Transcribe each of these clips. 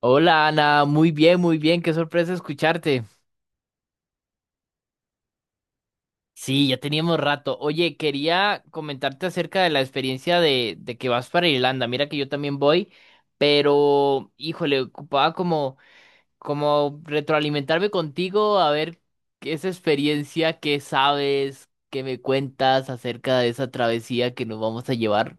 Hola Ana, muy bien, qué sorpresa escucharte. Sí, ya teníamos rato. Oye, quería comentarte acerca de la experiencia de que vas para Irlanda. Mira que yo también voy, pero híjole, como retroalimentarme contigo a ver qué esa experiencia, qué sabes, qué me cuentas acerca de esa travesía que nos vamos a llevar.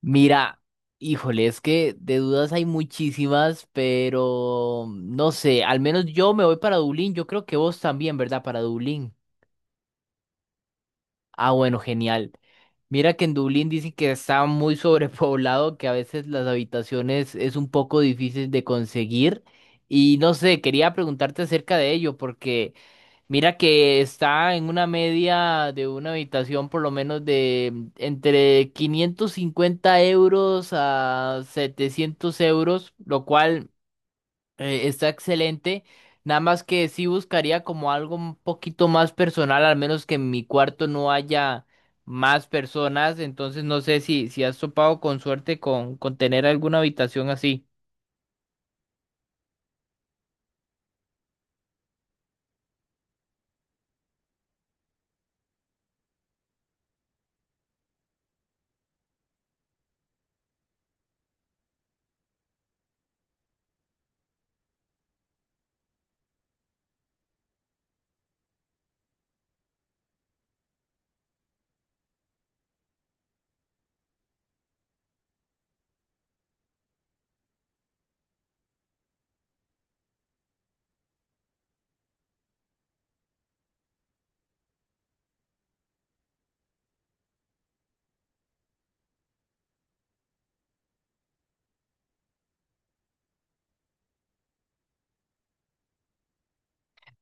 Mira, híjole, es que de dudas hay muchísimas, pero no sé, al menos yo me voy para Dublín, yo creo que vos también, ¿verdad? Para Dublín. Ah, bueno, genial. Mira que en Dublín dicen que está muy sobrepoblado, que a veces las habitaciones es un poco difícil de conseguir. Y no sé, quería preguntarte acerca de ello, porque… Mira que está en una media de una habitación por lo menos de entre 550 € a 700 euros, lo cual está excelente. Nada más que sí buscaría como algo un poquito más personal, al menos que en mi cuarto no haya más personas. Entonces no sé si has topado con suerte con tener alguna habitación así.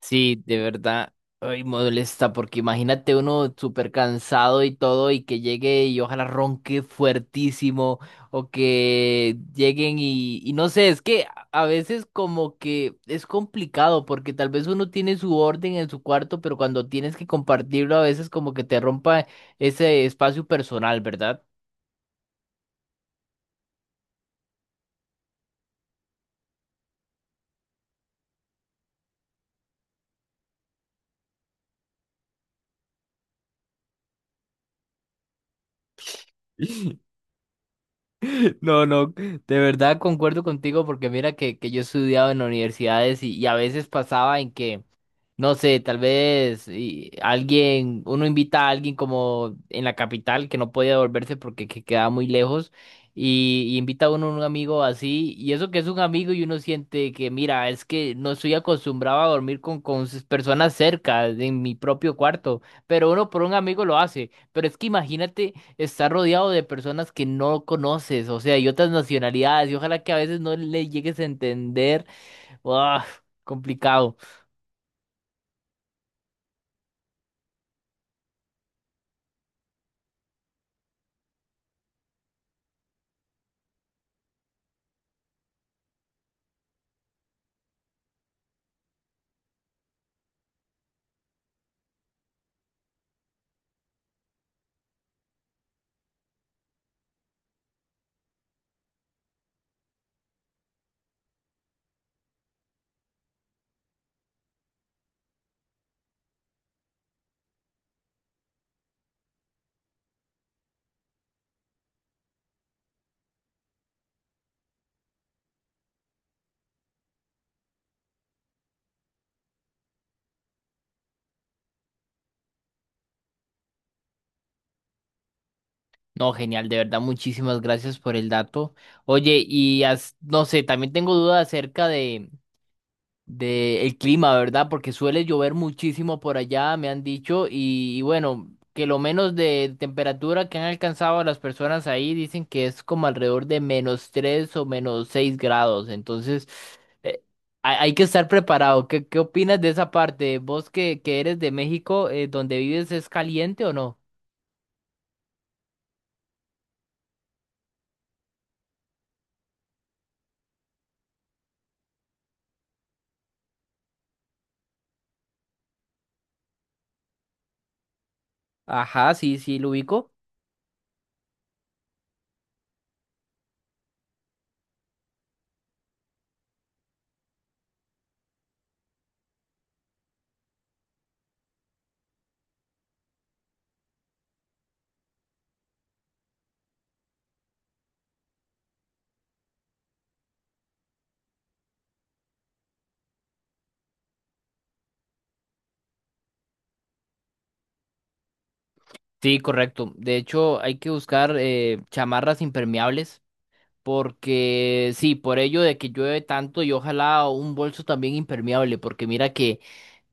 Sí, de verdad, ay, molesta, porque imagínate uno súper cansado y todo, y que llegue y ojalá ronque fuertísimo, o que lleguen y no sé, es que a veces como que es complicado, porque tal vez uno tiene su orden en su cuarto, pero cuando tienes que compartirlo, a veces como que te rompa ese espacio personal, ¿verdad? No, no, de verdad concuerdo contigo, porque mira que yo he estudiado en universidades y a veces pasaba en que no sé, tal vez y alguien, uno invita a alguien como en la capital que no puede devolverse porque que queda muy lejos y invita a uno a un amigo así y eso que es un amigo y uno siente que mira, es que no estoy acostumbrado a dormir con sus personas cerca en mi propio cuarto, pero uno por un amigo lo hace, pero es que imagínate estar rodeado de personas que no conoces, o sea, y otras nacionalidades y ojalá que a veces no le llegues a entender, ¡uah!, complicado. No, genial, de verdad, muchísimas gracias por el dato. Oye, y no sé, también tengo dudas acerca de el clima, ¿verdad? Porque suele llover muchísimo por allá, me han dicho, y bueno, que lo menos de temperatura que han alcanzado las personas ahí dicen que es como alrededor de -3 o -6 grados. Entonces, eh, hay, hay que estar preparado. ¿Qué, qué opinas de esa parte? ¿Vos que eres de México, donde vives, es caliente o no? Ajá, sí, sí, lo ubico. Sí, correcto. De hecho, hay que buscar chamarras impermeables porque sí, por ello de que llueve tanto y ojalá un bolso también impermeable, porque mira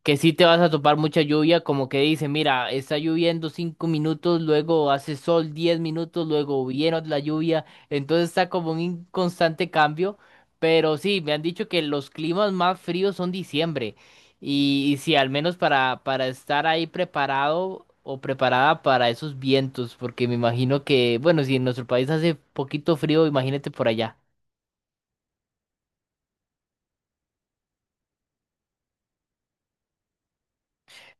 que sí te vas a topar mucha lluvia, como que dice, mira, está lloviendo 5 minutos, luego hace sol 10 minutos, luego viene la lluvia, entonces está como en un constante cambio, pero sí, me han dicho que los climas más fríos son diciembre, y sí, al menos para estar ahí preparado o preparada para esos vientos, porque me imagino que, bueno, si en nuestro país hace poquito frío, imagínate por allá.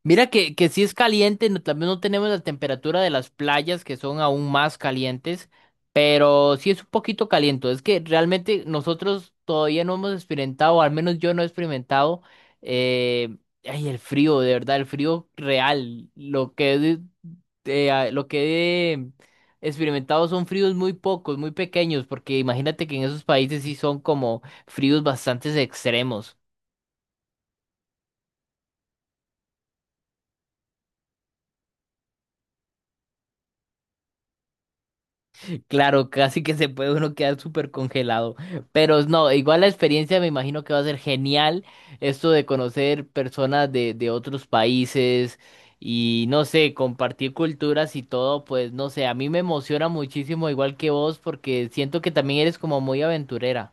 Mira que sí es caliente, no, también no tenemos la temperatura de las playas que son aún más calientes, pero sí es un poquito caliente. Es que realmente nosotros todavía no hemos experimentado, al menos yo no he experimentado, eh, ay, el frío, de verdad, el frío real. Lo que he experimentado son fríos muy pocos, muy pequeños, porque imagínate que en esos países sí son como fríos bastante extremos. Claro, casi que se puede uno quedar súper congelado. Pero no, igual la experiencia me imagino que va a ser genial. Esto de conocer personas de otros países y no sé, compartir culturas y todo, pues no sé, a mí me emociona muchísimo, igual que vos, porque siento que también eres como muy aventurera.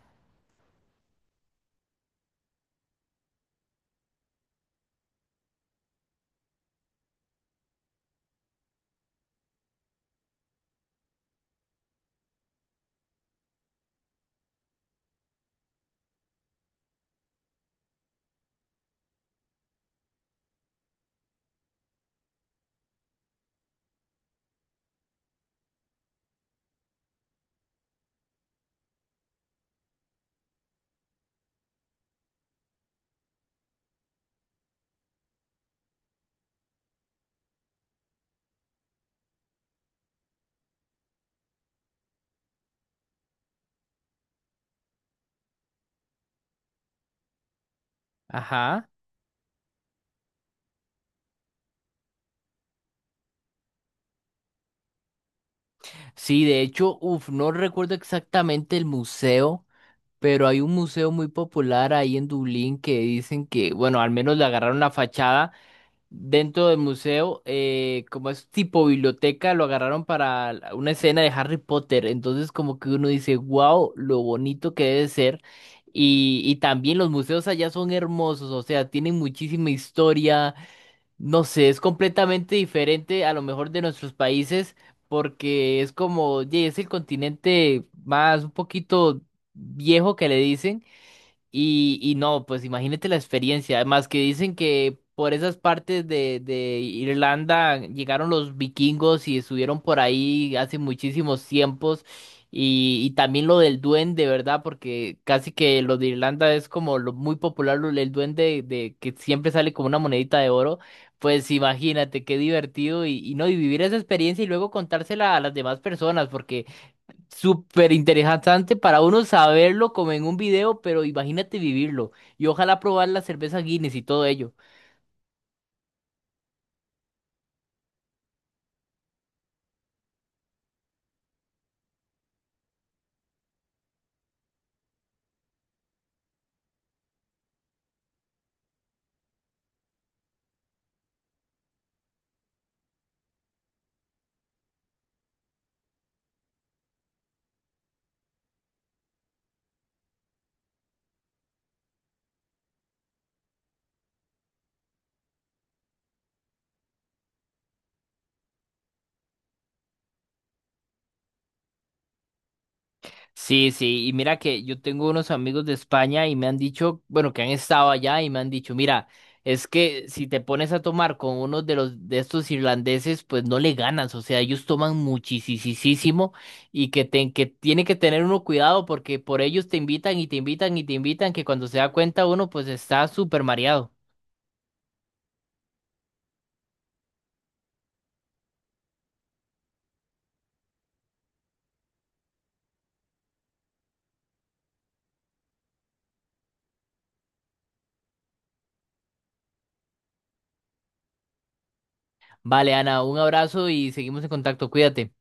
Ajá. Sí, de hecho, uff, no recuerdo exactamente el museo, pero hay un museo muy popular ahí en Dublín que dicen que, bueno, al menos le agarraron la fachada dentro del museo, como es tipo biblioteca, lo agarraron para una escena de Harry Potter. Entonces, como que uno dice, wow, lo bonito que debe ser. Y también los museos allá son hermosos, o sea, tienen muchísima historia. No sé, es completamente diferente a lo mejor de nuestros países, porque es como, "Ye, es el continente más un poquito viejo que le dicen". Y no, pues imagínate la experiencia. Además que dicen que por esas partes de Irlanda llegaron los vikingos y estuvieron por ahí hace muchísimos tiempos. Y también lo del duende, ¿verdad? Porque casi que lo de Irlanda es como lo muy popular, el duende de, que siempre sale como una monedita de oro. Pues imagínate qué divertido y no, y vivir esa experiencia y luego contársela a las demás personas, porque súper interesante para uno saberlo como en un video, pero imagínate vivirlo. Y ojalá probar la cerveza Guinness y todo ello. Sí, sí, y mira que yo tengo unos amigos de España y me han dicho, bueno, que han estado allá y me han dicho, mira, es que si te pones a tomar con uno de los de estos irlandeses, pues no le ganas. O sea, ellos toman muchísimo y que, te, que tiene que tener uno cuidado porque por ellos te invitan y te invitan y te invitan, que cuando se da cuenta uno, pues está súper mareado. Vale, Ana, un abrazo y seguimos en contacto. Cuídate.